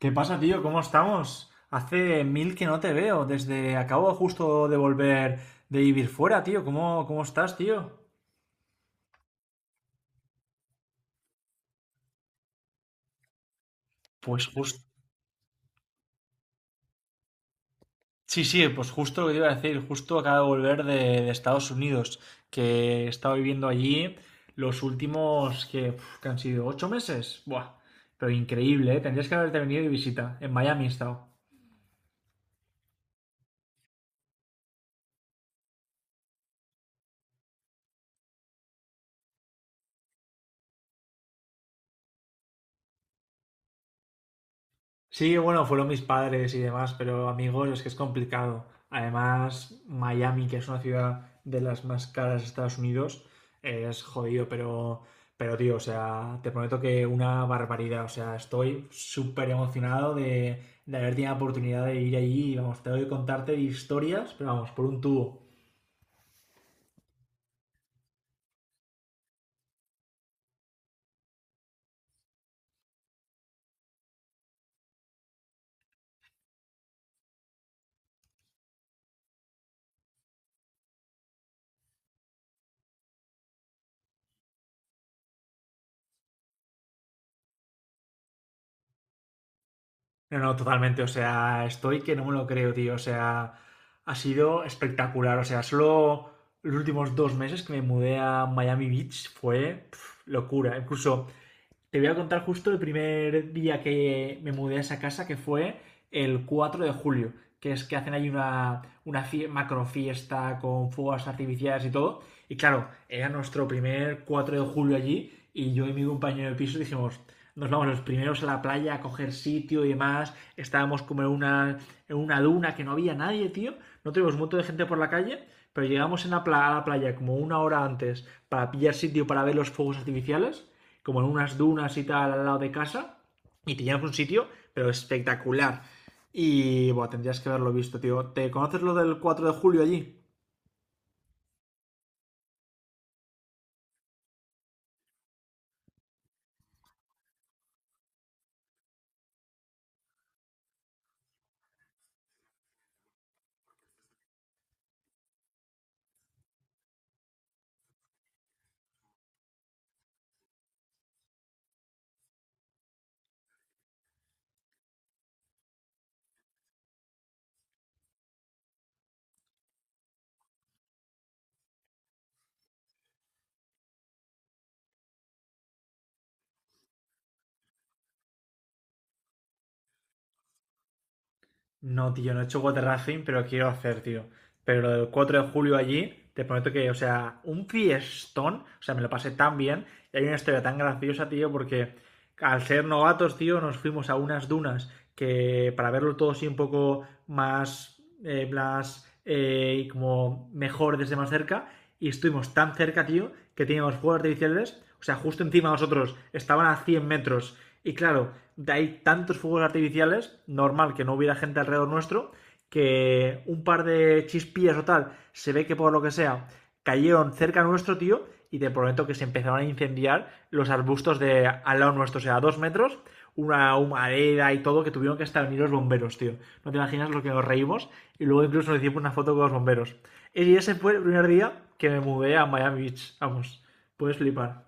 ¿Qué pasa, tío? ¿Cómo estamos? Hace mil que no te veo. Desde acabo justo de volver de vivir fuera, tío. ¿Cómo estás, tío? Pues justo, sí, sí, pues justo lo que te iba a decir. Justo acabo de volver de Estados Unidos, que he estado viviendo allí los últimos que, uf, que han sido 8 meses. Buah, pero increíble, ¿eh? Tendrías que haberte venido de visita. En Miami he estado. Sí, bueno, fueron mis padres y demás, pero amigos, es que es complicado. Además, Miami, que es una ciudad de las más caras de Estados Unidos, es jodido, pero tío, o sea, te prometo que una barbaridad. O sea, estoy súper emocionado de haber tenido la oportunidad de ir allí. Vamos, tengo que contarte historias, pero vamos, por un tubo. No, no, totalmente. O sea, estoy que no me lo creo, tío. O sea, ha sido espectacular. O sea, solo los últimos 2 meses que me mudé a Miami Beach fue pf, locura. Incluso te voy a contar justo el primer día que me mudé a esa casa, que fue el 4 de julio, que es que hacen ahí macro fiesta con fuegos artificiales y todo. Y claro, era nuestro primer 4 de julio allí y yo y mi compañero de piso dijimos, nos vamos los primeros a la playa a coger sitio y demás. Estábamos como en en una duna que no había nadie, tío. No tuvimos un montón de gente por la calle, pero llegamos en a la playa como una hora antes para pillar sitio para ver los fuegos artificiales como en unas dunas y tal al lado de casa. Y teníamos un sitio, pero espectacular. Y bueno, tendrías que haberlo visto, tío. ¿Te conoces lo del 4 de julio allí? No, tío, no he hecho water rafting, pero quiero hacer, tío. Pero lo del 4 de julio allí, te prometo que, o sea, un fiestón, o sea, me lo pasé tan bien. Y hay una historia tan graciosa, tío, porque al ser novatos, tío, nos fuimos a unas dunas que para verlo todo así un poco más, más, y como mejor desde más cerca. Y estuvimos tan cerca, tío, que teníamos fuegos artificiales, o sea, justo encima de nosotros, estaban a 100 metros. Y claro, de ahí tantos fuegos artificiales, normal que no hubiera gente alrededor nuestro, que un par de chispillas o tal, se ve que por lo que sea, cayeron cerca nuestro, tío, y te prometo que se empezaron a incendiar los arbustos de al lado nuestro, o sea, a 2 metros, una humareda y todo, que tuvieron que estar unidos los bomberos, tío. No te imaginas lo que nos reímos, y luego incluso nos hicimos una foto con los bomberos. Y ese fue el primer día que me mudé a Miami Beach, vamos, puedes flipar.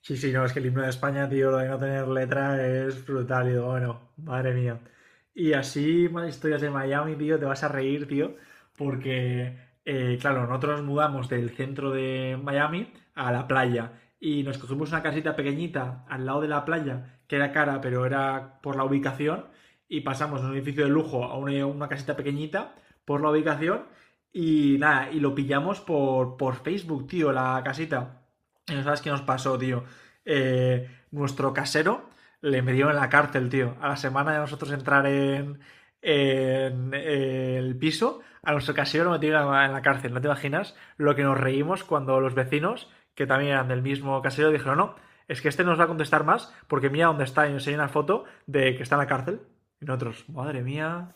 Sí, sí, no, es que el himno de España, tío, lo de no tener letra es brutal. Y digo, bueno, madre mía. Y así, más historias de Miami, tío, te vas a reír, tío, porque, claro, nosotros nos mudamos del centro de Miami a la playa y nos cogimos una casita pequeñita al lado de la playa, que era cara, pero era por la ubicación, y pasamos de un edificio de lujo a una casita pequeñita por la ubicación y nada, y lo pillamos por Facebook, tío, la casita. Y no sabes qué nos pasó, tío, nuestro casero le metió en la cárcel, tío. A la semana de nosotros entrar en el piso, a nuestro casero lo metieron en la cárcel. ¿No te imaginas lo que nos reímos cuando los vecinos, que también eran del mismo casero, dijeron, no, es que este nos va a contestar más porque mira dónde está y enseña una foto de que está en la cárcel. Y nosotros, madre mía.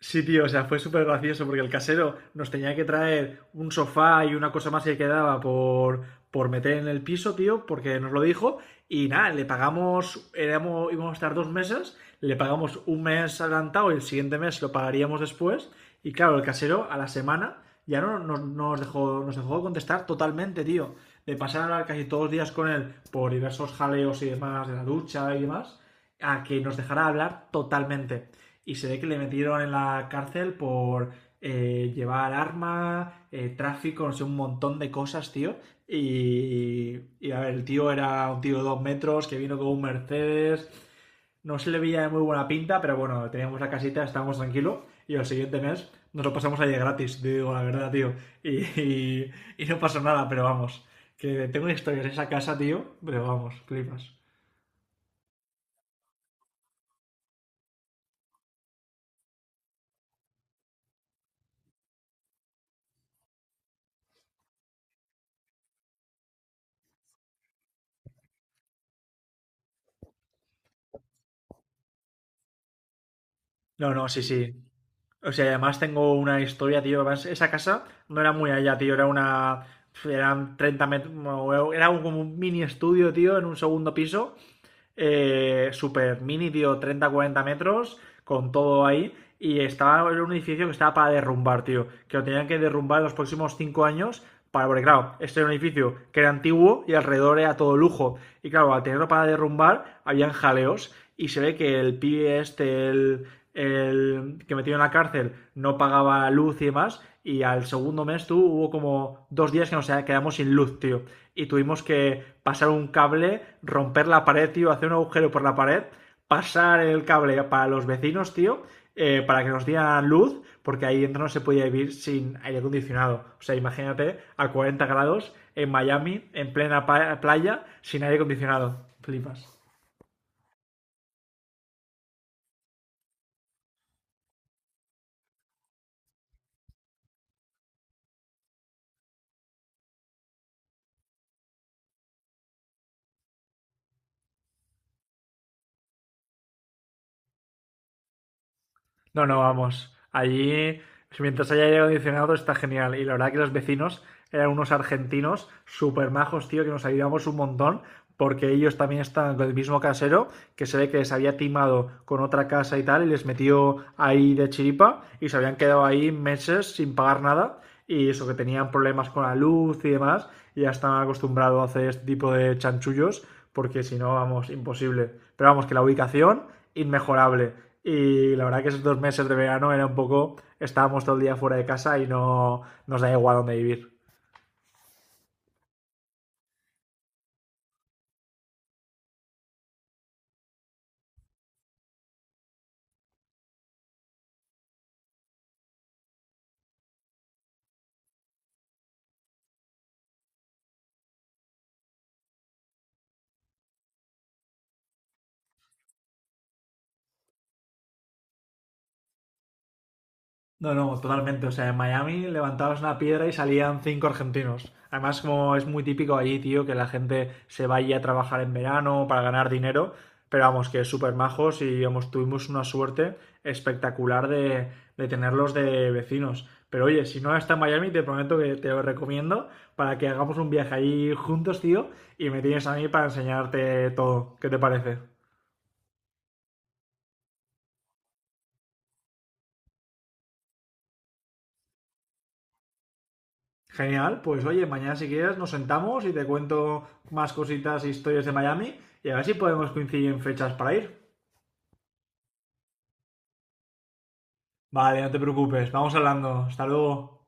Sí, tío, o sea, fue súper gracioso porque el casero nos tenía que traer un sofá y una cosa más que quedaba por meter en el piso, tío, porque nos lo dijo. Y nada, le pagamos, éramos, íbamos a estar 2 meses, le pagamos un mes adelantado y el siguiente mes lo pagaríamos después. Y claro, el casero a la semana ya no nos, nos dejó de contestar totalmente, tío. De pasar a hablar casi todos los días con él por diversos jaleos y demás de la ducha y demás, a que nos dejara hablar totalmente. Y se ve que le metieron en la cárcel por llevar armas, tráfico, no sé, un montón de cosas, tío. A ver, el tío era un tío de 2 metros que vino con un Mercedes. No se le veía de muy buena pinta, pero bueno, teníamos la casita, estábamos tranquilos. Y el siguiente mes nos lo pasamos allí gratis, te digo la verdad, tío. Y, y, y no pasó nada, pero vamos. Que tengo historias de esa casa, tío, pero vamos, flipas. No, no, sí, sí. O sea, y además tengo una historia, tío. Además, esa casa no era muy allá, tío. Era una. Eran 30 metros. No, era como un mini estudio, tío, en un segundo piso. Super mini, tío, 30 40 metros. Con todo ahí. Y estaba Era un edificio que estaba para derrumbar, tío. Que lo tenían que derrumbar en los próximos 5 años. Porque claro, este era un edificio que era antiguo y alrededor era todo lujo. Y claro, al tenerlo para derrumbar, habían jaleos y se ve que el pibe este, el que metió en la cárcel, no pagaba luz y demás. Y al segundo mes, tú, hubo como 2 días que nos quedamos sin luz, tío. Y tuvimos que pasar un cable, romper la pared, tío, hacer un agujero por la pared, pasar el cable para los vecinos, tío, para que nos dieran luz, porque ahí dentro no se podía vivir sin aire acondicionado. O sea, imagínate a 40 grados en Miami, en plena playa, sin aire acondicionado. Flipas. No, no, vamos. Allí, mientras haya aire acondicionado, está genial. Y la verdad que los vecinos eran unos argentinos súper majos, tío, que nos ayudamos un montón, porque ellos también están con el mismo casero, que se ve que les había timado con otra casa y tal, y les metió ahí de chiripa, y se habían quedado ahí meses sin pagar nada, y eso que tenían problemas con la luz y demás, y ya estaban acostumbrados a hacer este tipo de chanchullos, porque si no, vamos, imposible. Pero vamos, que la ubicación, inmejorable. Y la verdad que esos 2 meses de verano era un poco, estábamos todo el día fuera de casa y no nos da igual dónde vivir. No, no, totalmente. O sea, en Miami levantabas una piedra y salían 5 argentinos. Además, como es muy típico allí, tío, que la gente se vaya a trabajar en verano para ganar dinero. Pero vamos, que súper majos y vamos, tuvimos una suerte espectacular de tenerlos de vecinos. Pero oye, si no está en Miami, te prometo que te lo recomiendo para que hagamos un viaje allí juntos, tío, y me tienes a mí para enseñarte todo. ¿Qué te parece? Genial, pues oye, mañana si quieres nos sentamos y te cuento más cositas e historias de Miami y a ver si podemos coincidir en fechas para ir. Vale, no te preocupes, vamos hablando. Hasta luego.